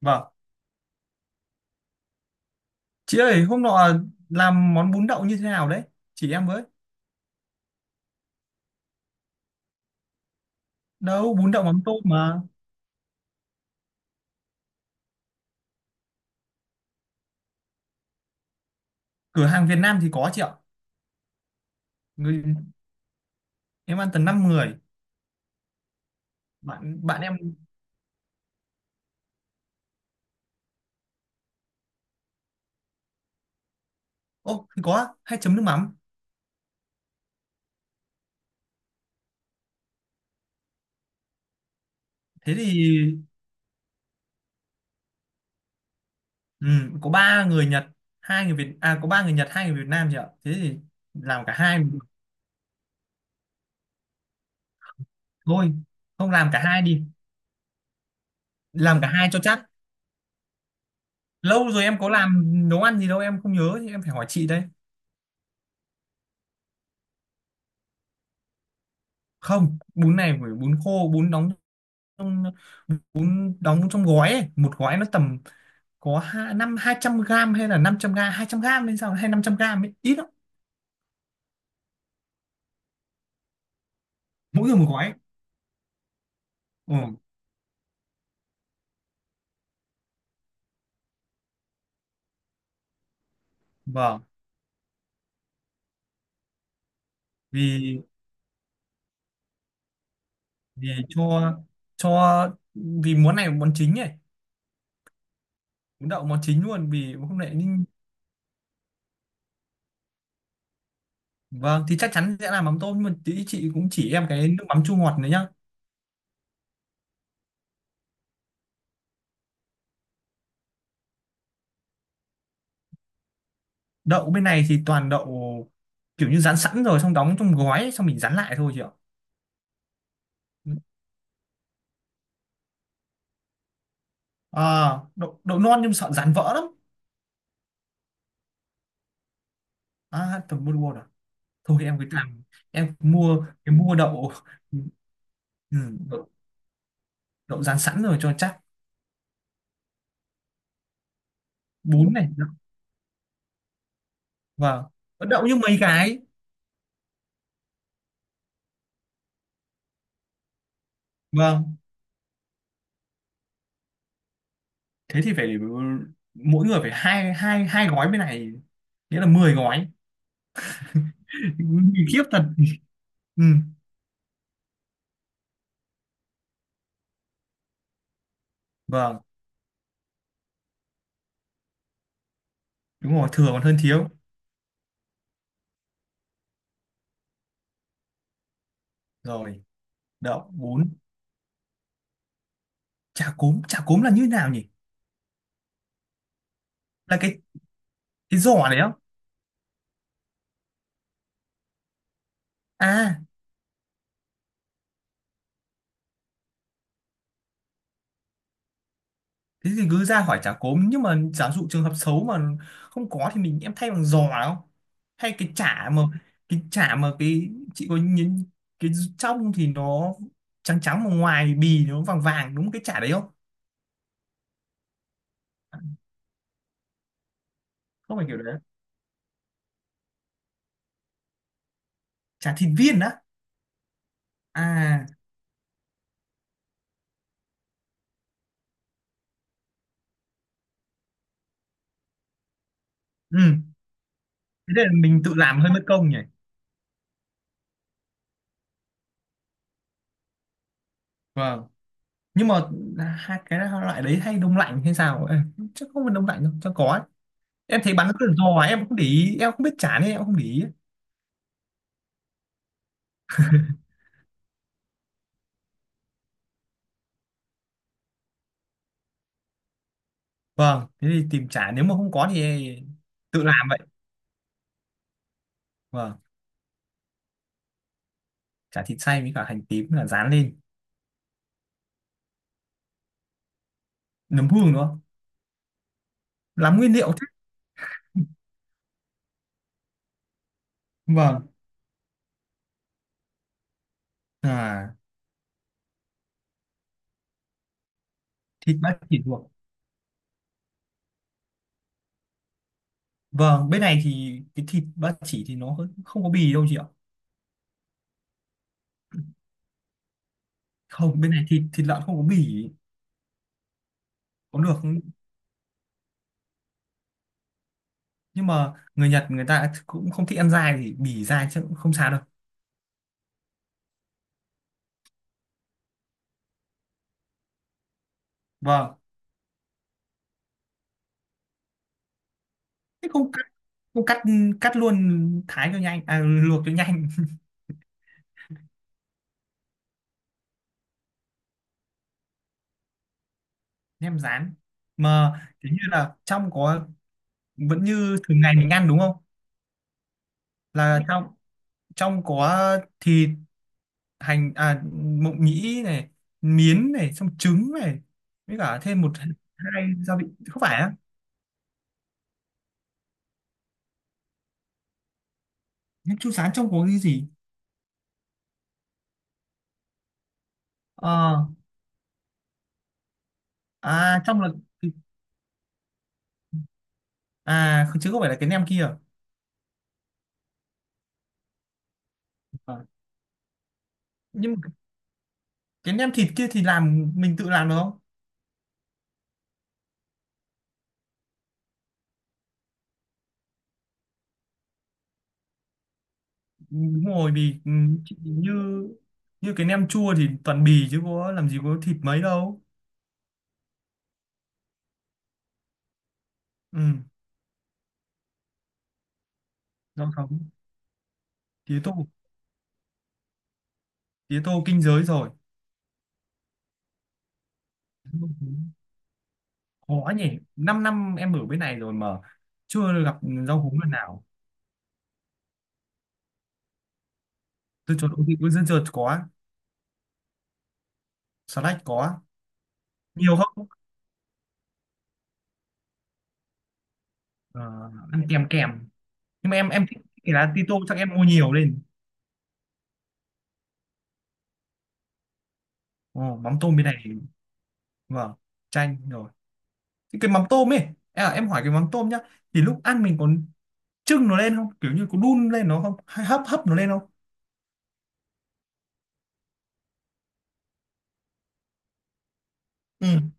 Vâng. Chị ơi, hôm nọ làm món bún đậu như thế nào đấy? Chỉ em với. Đâu, bún đậu mắm tôm mà. Cửa hàng Việt Nam thì có chị ạ. Người, em ăn tầm 5 người. Bạn bạn em... Ô, thì có. Hay chấm nước mắm. Thế thì... Ừ, có ba người Nhật, hai người Việt... À, có ba người Nhật, hai người Việt Nam chị ạ. Thế thì làm cả hai cũng được. Thôi. Không, làm cả hai đi. Làm cả hai cho chắc. Lâu rồi em có làm nấu ăn gì đâu, em không nhớ. Thì em phải hỏi chị đây. Không, bún này phải bún khô, trong bún đóng trong gói ấy. Một gói nó tầm có hai năm hai trăm gram hay là 500 gram, 200 gram hay sao hay 500 gram ấy. Ít lắm, mỗi người một gói ấy. Ừ. Vâng. Vì vì cho cho vì món này là món chính ấy, món đậu món chính luôn vì không hôm nay. Vâng, thì chắc chắn sẽ làm mắm tôm, nhưng mà tí chị cũng chỉ em cái nước mắm chua ngọt này nhá. Đậu bên này thì toàn đậu kiểu như rán sẵn rồi xong đóng trong gói ấy, xong mình rán lại thôi chị ạ. À, đậu non nhưng sợ rán vỡ lắm. À tầm mua thôi, em cứ làm, em mua cái mua đậu. Ừ, đậu, đậu rán sẵn rồi cho chắc. Bún này đậu- Vâng. Có đậu như mấy cái. Vâng thế thì phải mỗi người phải hai hai hai gói bên này, nghĩa là 10 gói. Mình khiếp thật. Ừ, vâng, đúng rồi, thừa còn hơn thiếu. Rồi đậu bún Chả cốm là như nào nhỉ? Là cái giỏ đấy không? À thế thì cứ ra hỏi chả cốm, nhưng mà giả dụ trường hợp xấu mà không có thì em thay bằng giò. Không, hay cái chả mà, cái chị có nhìn, cái trong thì nó trắng trắng mà ngoài thì bì nó vàng vàng, đúng cái chả đấy không? Không phải kiểu đấy? Chả thịt viên á? À. Ừ. Thế nên là mình tự làm hơi mất công nhỉ. Vâng, nhưng mà hai cái loại đấy hay đông lạnh hay sao? Ê, chắc không phải đông lạnh đâu, chắc có ấy. Em thấy bán cứ giò em không để ý, em không biết chả nên em không để ý. Vâng, thế thì tìm chả, nếu mà không có thì tự làm vậy. Vâng, chả thịt xay với cả hành tím là rán lên, nấm hương nữa. Làm nguyên liệu thế. Vâng, à thịt ba chỉ luộc. Vâng, bên này thì cái thịt ba chỉ thì nó không có bì đâu chị ạ. Không, bên này thịt, thịt lợn không có bì, có được, nhưng mà người Nhật người ta cũng không thích ăn dai thì bì dai chứ cũng không sao đâu. Vâng, thế không cắt, không cắt cắt luôn, thái cho nhanh, à, luộc cho nhanh. Nem rán mà kiểu như là trong có vẫn như thường ngày mình ăn đúng không? Là dạ. Trong, trong có thịt, hành, à mộng nhĩ này, miến này, xong trứng này, với cả thêm một hai gia vị, không phải á? Nhưng chú sán trong có cái gì? Ờ. À, trong là, à chứ không phải là cái nem kia? Ờ. Nhưng mà cái nem thịt kia thì mình tự làm được không? Đúng rồi, vì chị như, như cái nem chua thì toàn bì chứ có làm gì có thịt mấy đâu. Ừ. Rau sống, tía tô tía tô kinh giới rồi. Khó nhỉ, 5 năm em ở bên này rồi mà chưa gặp rau húng lần nào. Dưa chuột ok, có dưa chuột có. Salad có. Nhiều không? Ờ, ăn kèm, nhưng mà em thích cái lá tí, chắc em mua nhiều lên. Ồ, mắm tôm bên này thì- Vâng, chanh rồi. Thế cái mắm tôm ấy, à, em hỏi cái mắm tôm nhá, thì lúc ăn mình còn trưng nó lên không, kiểu như có đun lên nó không hay hấp, nó lên không? Ừ,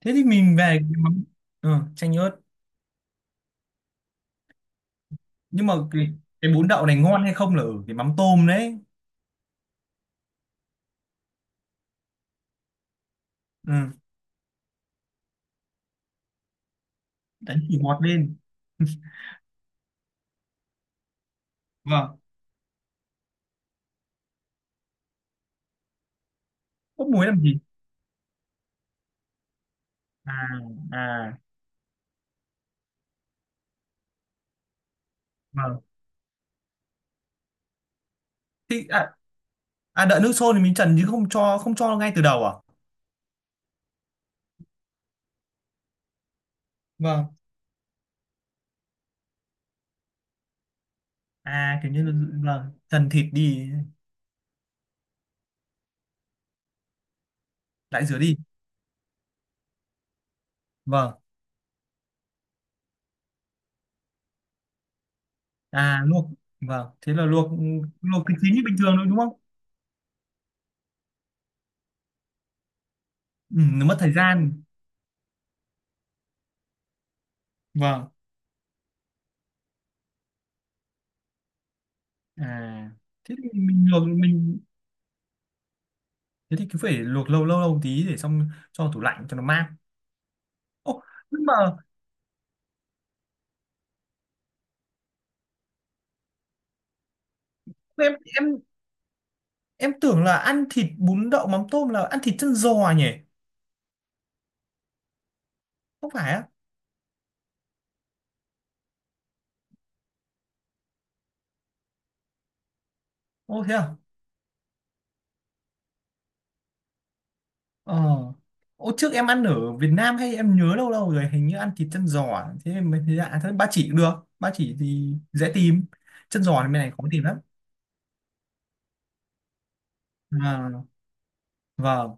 thế thì mình về cái mắm, ừ, chanh ớt. Nhưng mà cái bún đậu này ngon hay không là ở cái mắm tôm đấy. Ừ. Đánh thì ngọt lên. Vâng. Ướp muối làm gì? À, à vâng. Thì à, à đợi nước sôi thì mình trần, chứ không cho, ngay từ đầu à? Vâng. À kiểu như là, vâng trần thịt đi. Lại rửa đi, vâng. À luộc, vâng thế là luộc. Luộc thì chính như bình thường thôi đúng không? Ừ, nó mất thời gian. Vâng, à thế thì mình luộc, thế thì cứ phải luộc lâu lâu lâu một tí để xong cho vào tủ lạnh cho nó mát. Ồ, nhưng mà em em em tưởng là ăn thịt bún đậu mắm tôm là ăn thịt chân giò nhỉ? Không phải á? Ô thế à? Ờ. Ô trước em ăn ở Việt Nam hay em nhớ lâu lâu rồi hình như ăn thịt chân giò à? Thế em mới thấy lạ, thế ba chỉ cũng được. Ba chỉ thì dễ tìm, chân giò thì bên này khó tìm lắm. À, vâng.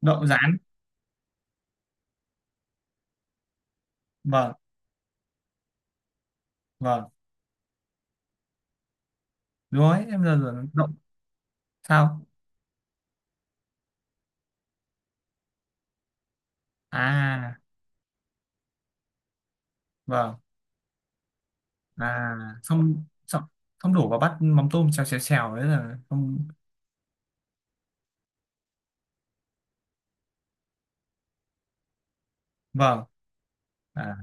Đậu rán, vâng, vâng đúng rồi em giờ rồi đậu. Sao? À, vâng. À xong, xong đổ vào bát mắm tôm xèo xèo xèo đấy là không? Vâng. À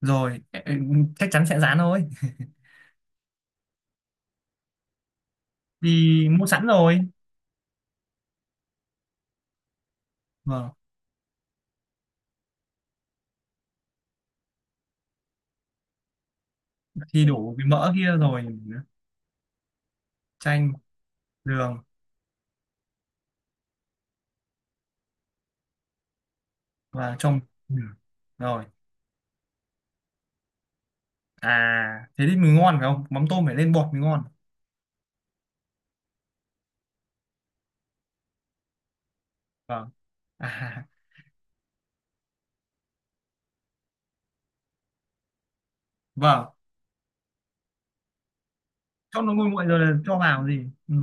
rồi ẹ- ẹ, chắc chắn sẽ rán thôi. Thì mua sẵn rồi. Vâng thì đủ cái mỡ kia rồi. Chanh, đường, và trong, đường rồi. À thế thì mới ngon phải không, mắm tôm phải lên bọt mới ngon. Vâng. À. Vâng, cho nó nguội nguội rồi là cho vào gì, ừ.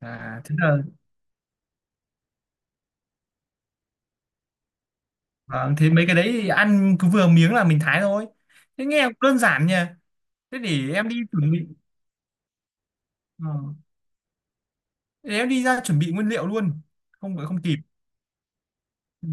À thế là, vâng thế mấy cái đấy thì ăn cứ vừa miếng là mình thái thôi. Thế nghe cũng đơn giản nhỉ. Thế để em đi chuẩn bị. Ờ, để em đi ra chuẩn bị nguyên liệu luôn, không phải không kịp. Ừ.